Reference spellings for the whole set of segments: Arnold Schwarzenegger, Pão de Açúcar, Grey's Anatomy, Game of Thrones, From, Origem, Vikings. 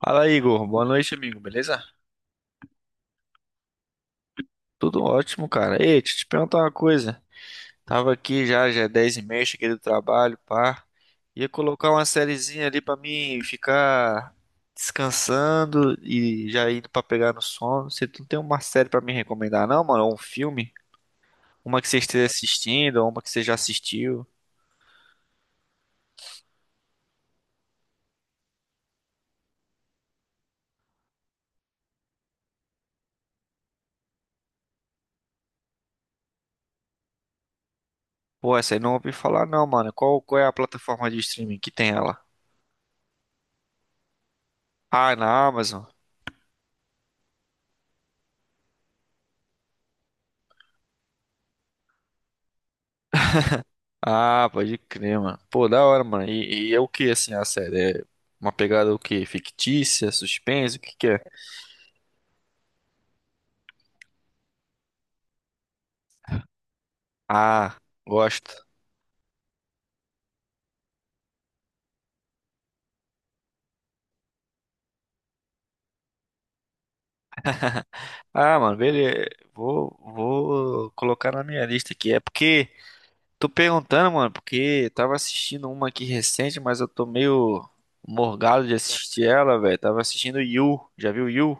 Fala, Igor. Boa noite, amigo. Beleza? Tudo ótimo, cara. Ei, deixa eu te perguntar uma coisa. Tava aqui já, já é 10h30, cheguei do trabalho, pá. Ia colocar uma sériezinha ali pra mim ficar descansando e já indo pra pegar no sono. Você não tem uma série pra me recomendar, não, mano? Ou um filme? Uma que você esteja assistindo, ou uma que você já assistiu? Pô, essa aí não ouvi falar, não, mano. Qual é a plataforma de streaming que tem ela? Ah, é na Amazon. Ah, pode crer, mano. Pô, da hora, mano. E é o que, assim, a série? É uma pegada o quê? Fictícia? Suspense? O que que é? Ah, gosto. Ah, mano, beleza. Vou colocar na minha lista aqui. É porque, tô perguntando, mano, porque tava assistindo uma aqui recente, mas eu tô meio morgado de assistir ela, velho. Tava assistindo You. Já viu You?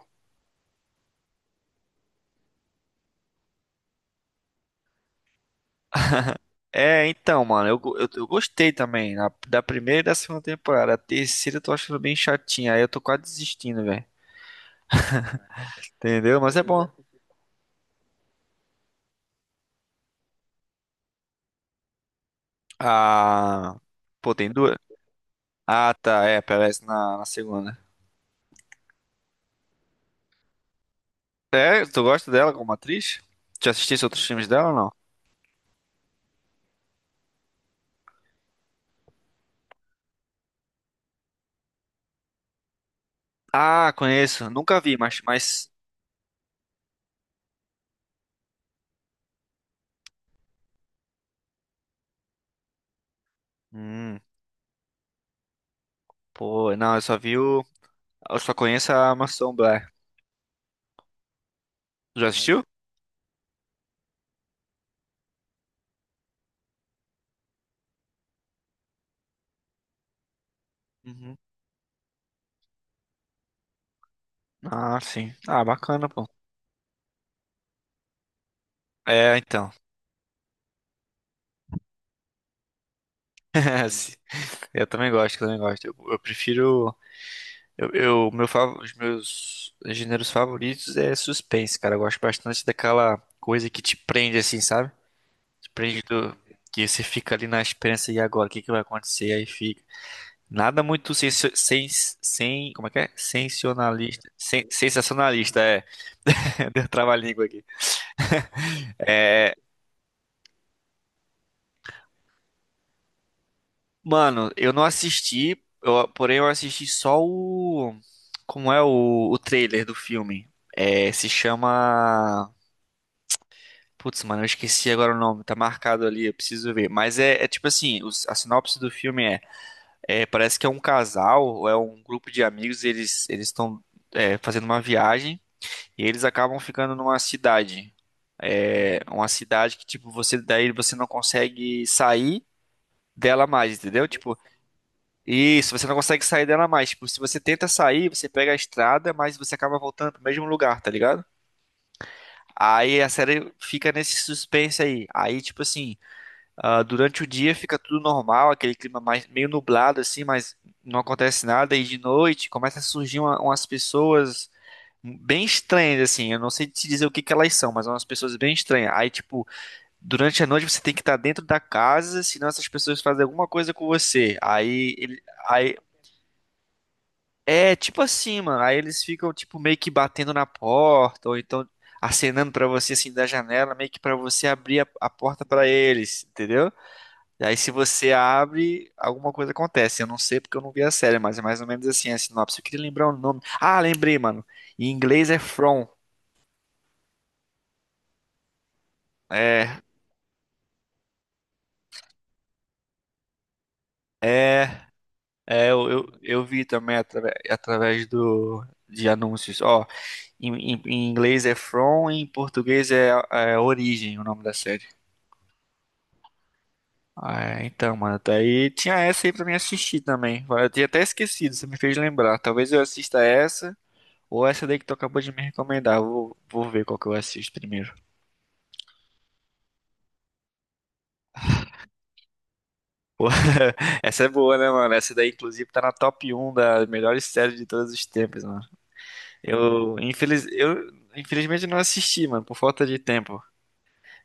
É, então, mano, eu gostei também da primeira e da segunda temporada. A terceira eu tô achando bem chatinha. Aí eu tô quase desistindo, velho. Entendeu? Mas é bom. Ah, pô, tem duas. Ah, tá, é, aparece na segunda. É, tu gosta dela como atriz? Já assististe outros filmes dela ou não? Ah, conheço. Nunca vi, mas. Hum, Pô, não, eu só vi o. Eu só conheço a Mansão Blair. Já assistiu? Uhum. Ah, sim. Ah, bacana, pô. É, então. Eu também gosto, eu também gosto. Eu prefiro. Os meus gêneros favoritos é suspense, cara. Eu gosto bastante daquela coisa que te prende, assim, sabe? Te prende do, que você fica ali na esperança, e agora, o que que vai acontecer? Aí fica. Nada muito sensio- sens, sem, como é que é? Sensacionalista. Sensacionalista, é. Deu trava-língua aqui. É, mano, eu não assisti, porém eu assisti só como é o trailer do filme. É, se chama Putz, mano, eu esqueci agora o nome, tá marcado ali, eu preciso ver. Mas é tipo assim, a sinopse do filme é, parece que é um casal, ou é um grupo de amigos, eles estão fazendo uma viagem e eles acabam ficando numa cidade. É, uma cidade que, tipo, você daí você não consegue sair dela mais, entendeu? Tipo, isso, você não consegue sair dela mais. Tipo, se você tenta sair, você pega a estrada, mas você acaba voltando pro mesmo lugar, tá ligado? Aí a série fica nesse suspense aí. Aí, tipo assim. Ah, durante o dia fica tudo normal, aquele clima mais meio nublado assim, mas não acontece nada. E de noite começa a surgir umas pessoas bem estranhas assim. Eu não sei te dizer o que que elas são, mas são umas pessoas bem estranhas. Aí tipo, durante a noite você tem que estar dentro da casa, senão essas pessoas fazem alguma coisa com você. Aí é tipo assim, mano. Aí eles ficam tipo meio que batendo na porta ou então acenando pra você assim da janela, meio que pra você abrir a porta pra eles, entendeu? E aí, se você abre, alguma coisa acontece. Eu não sei porque eu não vi a série, mas é mais ou menos assim, a sinopse. Eu queria lembrar o nome. Ah, lembrei, mano. Em inglês é From. É, é, é. Eu vi também através do de anúncios. Ó, em inglês é From, em português é Origem, o nome da série. Ah, é, então, mano, daí tinha essa aí pra mim assistir também. Eu tinha até esquecido, você me fez lembrar. Talvez eu assista essa. Ou essa daí que tu acabou de me recomendar. Vou ver qual que eu assisto primeiro. Pô, Essa é boa, né, mano? Essa daí, inclusive, tá na top um das melhores séries de todos os tempos, mano. Eu infelizmente não assisti, mano, por falta de tempo.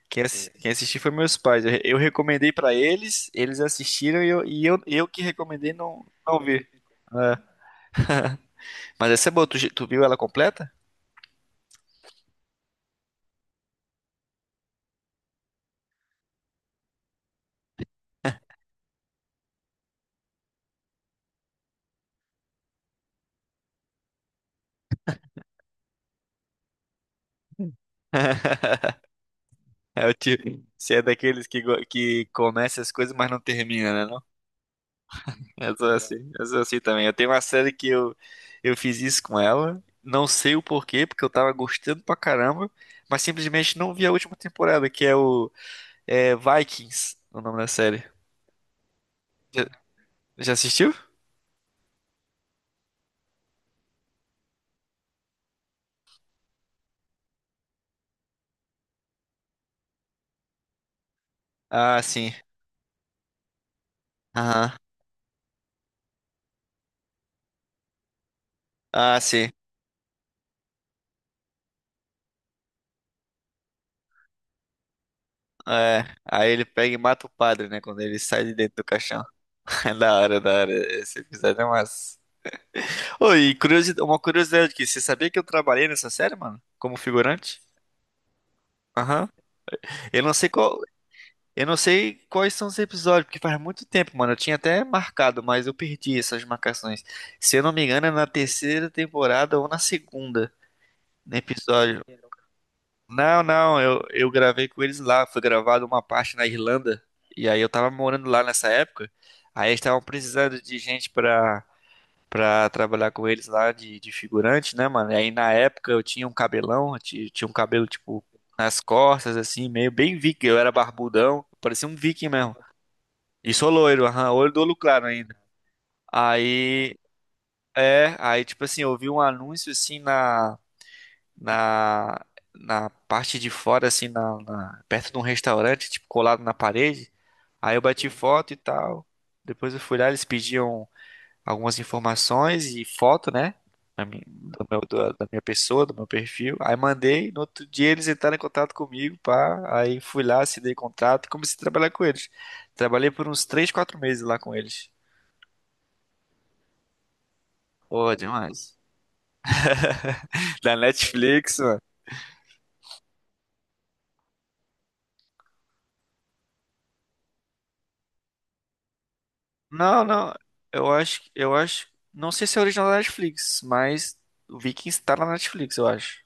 Quem, ass- quem assistiu foi meus pais. Eu recomendei pra eles, eles assistiram eu que recomendei não vi. É. Mas essa é boa, tu viu ela completa? É o tipo, você é daqueles que começa as coisas, mas não termina, né? Eu sou assim também. Eu tenho uma série que eu fiz isso com ela. Não sei o porquê, porque eu tava gostando pra caramba, mas simplesmente não vi a última temporada, que é o é Vikings, o nome da série. Já, já assistiu? Ah, sim. Aham. Ah, sim. É. Aí ele pega e mata o padre, né? Quando ele sai de dentro do caixão. É da hora, da hora. Esse episódio é massa. Ô, e curiosidade, uma curiosidade aqui. Você sabia que eu trabalhei nessa série, mano? Como figurante? Aham. Eu não sei qual, Eu não sei quais são os episódios, porque faz muito tempo, mano. Eu tinha até marcado, mas eu perdi essas marcações. Se eu não me engano, é na terceira temporada ou na segunda no episódio. Não, não, eu gravei com eles lá. Foi gravado uma parte na Irlanda. E aí eu tava morando lá nessa época. Aí eles estavam precisando de gente pra trabalhar com eles lá, de figurante, né, mano? E aí na época eu tinha um cabelão, tinha um cabelo tipo nas costas, assim, meio bem viking. Eu era barbudão, parecia um viking mesmo. E sou loiro, aham, olho do olho claro ainda. Aí, aí tipo assim, eu vi um anúncio assim na, na parte de fora, assim, perto de um restaurante, tipo, colado na parede. Aí eu bati foto e tal. Depois eu fui lá, eles pediam algumas informações e foto, né? Da minha pessoa, do meu perfil. Aí mandei, no outro dia eles entraram em contato comigo, pá. Aí fui lá, assinei contrato e comecei a trabalhar com eles. Trabalhei por uns 3, 4 meses lá com eles. Pô, demais. Da Netflix, mano. Não, não. Eu acho, eu acho. Não sei se é original da Netflix, mas o Vikings tá na Netflix, eu acho.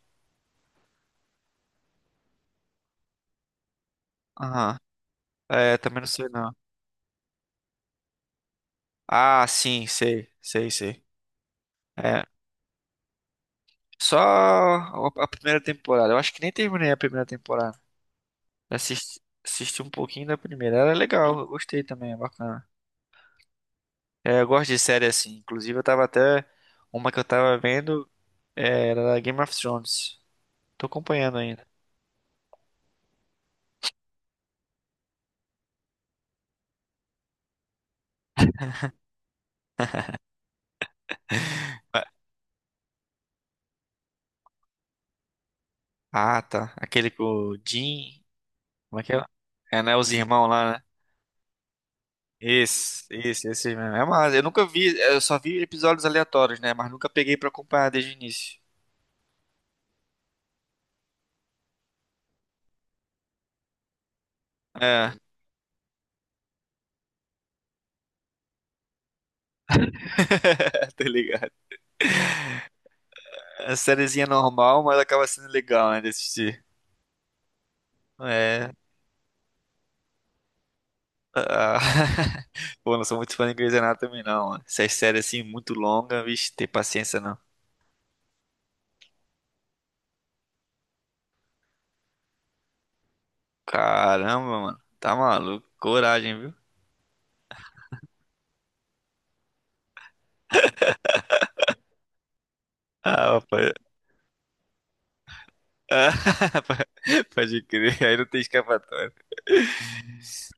Aham. É, também não sei não. Ah, sim, sei, sei, sei. É. Só a primeira temporada. Eu acho que nem terminei a primeira temporada. Assisti um pouquinho da primeira. Era legal, eu gostei também, é bacana. É, eu gosto de série assim. Inclusive, eu tava até. Uma que eu tava vendo era da Game of Thrones. Tô acompanhando ainda. Ah, tá. Aquele com o Jim. Como é que é? É, né? Os irmãos lá, né? Esse mesmo. É massa. Eu nunca vi, eu só vi episódios aleatórios, né? Mas nunca peguei pra acompanhar desde o início. É, Tá ligado? É sériezinha normal, mas acaba sendo legal, né? De assistir. É. Ah. Pô, não sou muito fã de Grey's Anatomy também, não, mano. Essas séries assim, muito longas, vixe, ter paciência não. Caramba, mano. Tá maluco. Coragem, viu? Ah, rapaz. Ah, pode crer. Aí não tem escapatória.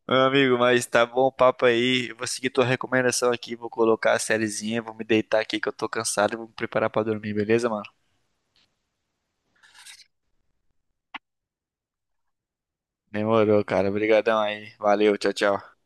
Meu amigo, mas tá bom o papo aí. Eu vou seguir tua recomendação aqui, vou colocar a sériezinha, vou me deitar aqui que eu tô cansado, e vou me preparar pra dormir, beleza, mano? Demorou, cara. Obrigadão aí. Valeu, tchau, tchau.